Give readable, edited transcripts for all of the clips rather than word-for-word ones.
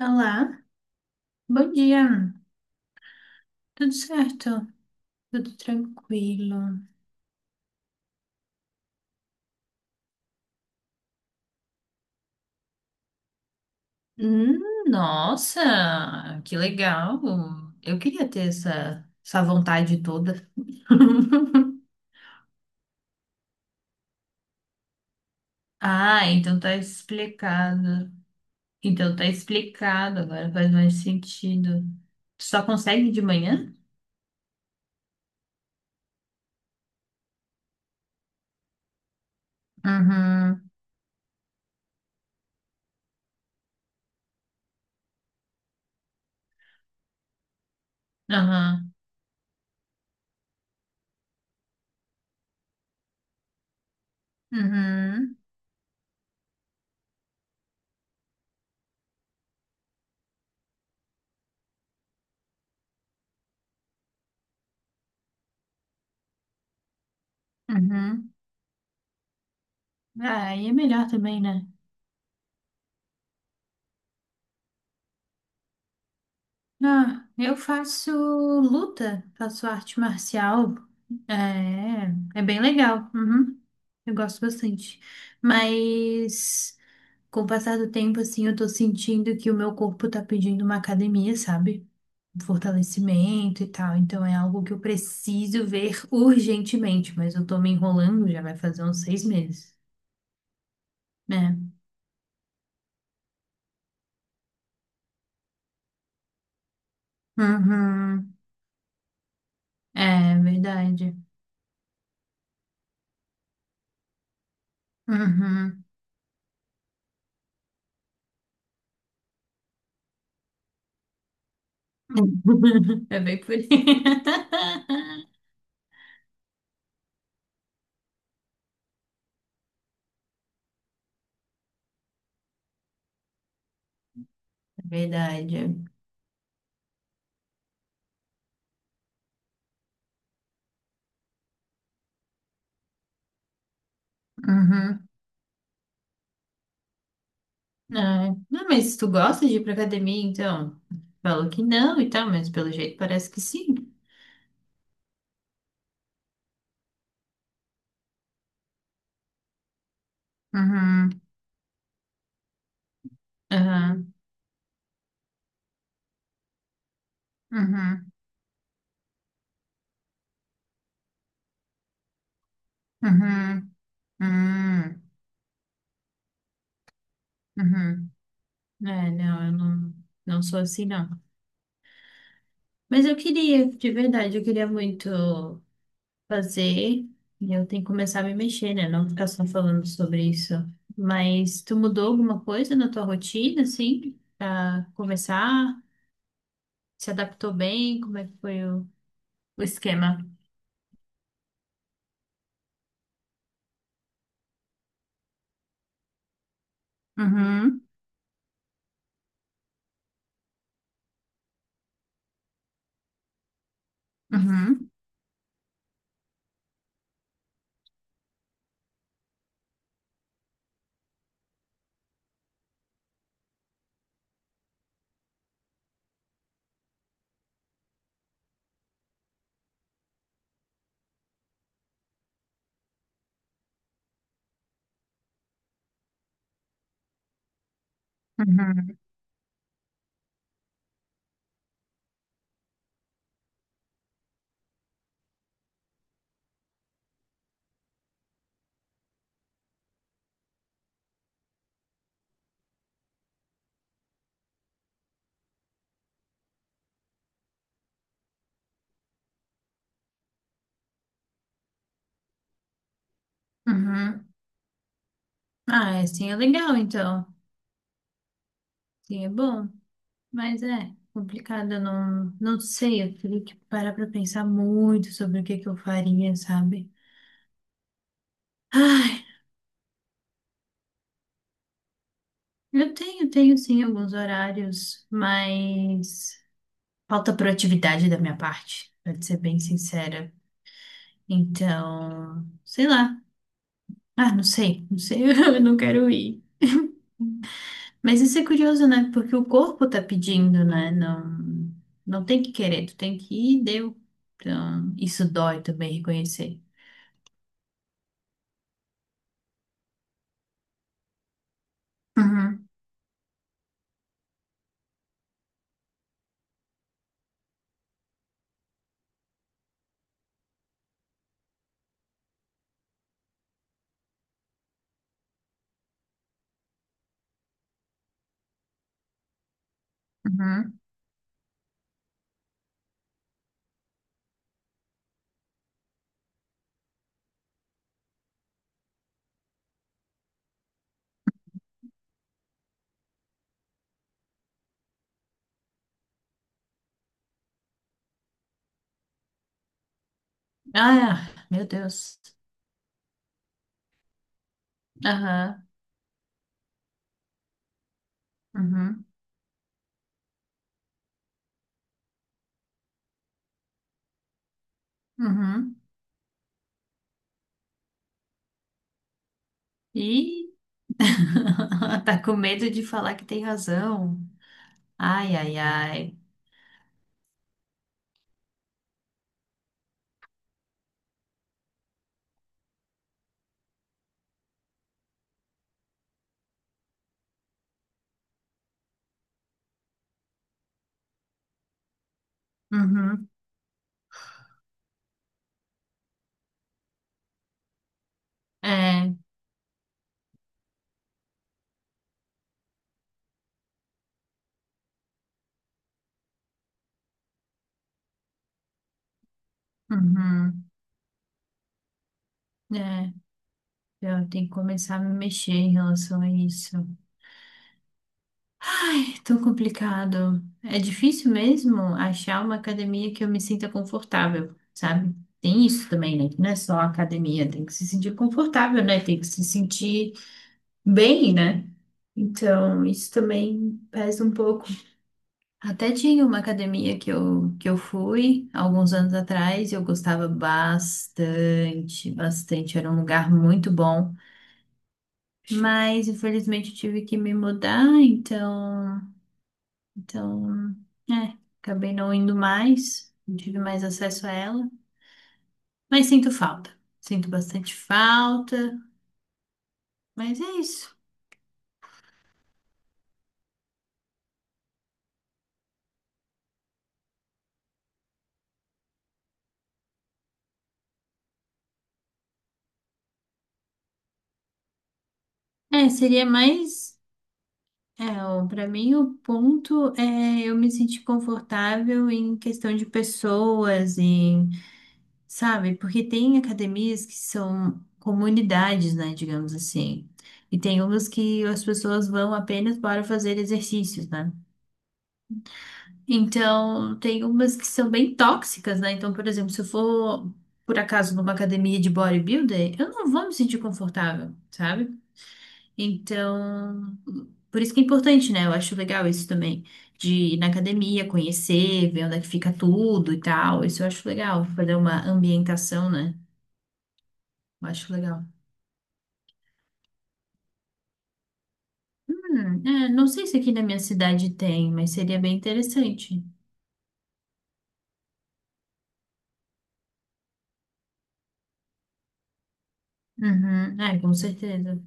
Olá, bom dia. Tudo certo? Tudo tranquilo. Hum. Nossa, que legal! Eu queria ter essa vontade toda. Ah, então tá explicado. Então tá explicado, agora faz mais sentido. Tu só consegue de manhã? Uhum. Aham. Uhum, uhum. Ah, e é melhor também, né? Ah, eu faço luta, faço arte marcial. É bem legal. Uhum, eu gosto bastante. Mas com o passar do tempo, assim, eu tô sentindo que o meu corpo tá pedindo uma academia, sabe? Um fortalecimento e tal. Então é algo que eu preciso ver urgentemente, mas eu tô me enrolando, já vai fazer uns 6 meses. Né? Uhum. É verdade. Uhum. É bem por aí. Verdade. Uhum. Não, não, mas tu gosta de ir pra academia, então? Falou que não e tal, mas pelo jeito parece que sim. Uhum, uhum, uhum, uhum, uhum, uhum. É, não, eu não sou assim, não. Mas eu queria, de verdade, eu queria muito fazer. E eu tenho que começar a me mexer, né? Não ficar só falando sobre isso. Mas tu mudou alguma coisa na tua rotina, assim, pra começar? Se adaptou bem? Como é que foi o esquema? Uhum, uhum, uhum, uhum. Ah, é, sim, é legal então. Sim, é bom, mas é complicado, eu não sei, eu teria que parar pra pensar muito sobre o que que eu faria, sabe? Ai, eu tenho, tenho sim alguns horários, mas falta proatividade da minha parte, pra te ser bem sincera. Então, sei lá. Ah, não sei, não sei, eu não quero ir. Mas isso é curioso, né? Porque o corpo tá pedindo, né? Não, não tem que querer, tu tem que ir, deu. Então, isso dói também reconhecer. Uhum, uhum. Ah, meu Deus. Aham, uhum, uhum. E tá com medo de falar que tem razão. Ai, ai, ai. Uhum, é, uhum, é. Eu tenho que começar a me mexer em relação a isso. Tô complicado. É difícil mesmo achar uma academia que eu me sinta confortável, sabe? Tem isso também, né? Que não é só academia, tem que se sentir confortável, né? Tem que se sentir bem, né? Então, isso também pesa um pouco. Até tinha uma academia que eu fui alguns anos atrás e eu gostava bastante, bastante. Era um lugar muito bom. Mas, infelizmente, eu tive que me mudar, então. Então, é, acabei não indo mais, não tive mais acesso a ela, mas sinto falta. Sinto bastante falta, mas é isso. É, seria mais, é, o- pra mim o ponto é eu me sentir confortável em questão de pessoas, em, sabe? Porque tem academias que são comunidades, né, digamos assim. E tem umas que as pessoas vão apenas para fazer exercícios, né? Então, tem umas que são bem tóxicas, né? Então, por exemplo, se eu for, por acaso, numa academia de bodybuilder, eu não vou me sentir confortável, sabe? Então, por isso que é importante, né? Eu acho legal isso também, de ir na academia, conhecer, ver onde é que fica tudo e tal. Isso eu acho legal, fazer uma ambientação, né? Eu acho legal. É, não sei se aqui na minha cidade tem, mas seria bem interessante. Uhum, é, com certeza.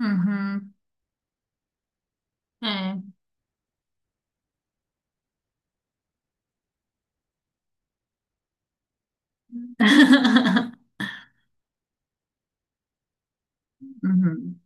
Uhum, é. Uhum,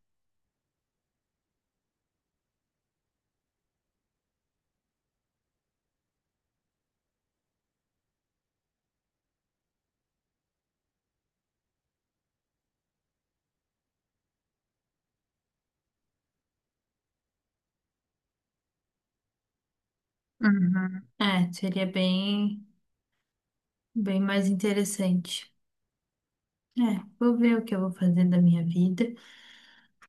uhum. É, seria bem, bem mais interessante. É, vou ver o que eu vou fazer da minha vida,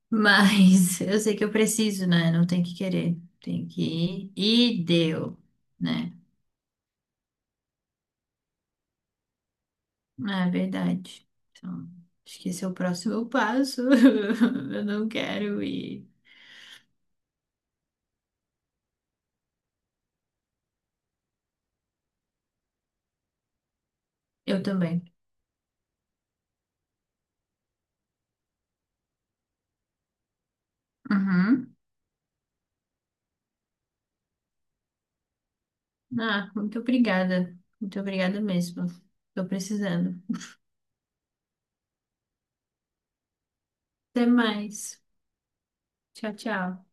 mas eu sei que eu preciso, né? Não tem que querer, tem que ir e deu, né? É verdade. Então, acho que esse é o próximo passo. Eu não quero ir. Eu também. Uhum. Ah, muito obrigada. Muito obrigada mesmo. Tô precisando. Até mais. Tchau, tchau.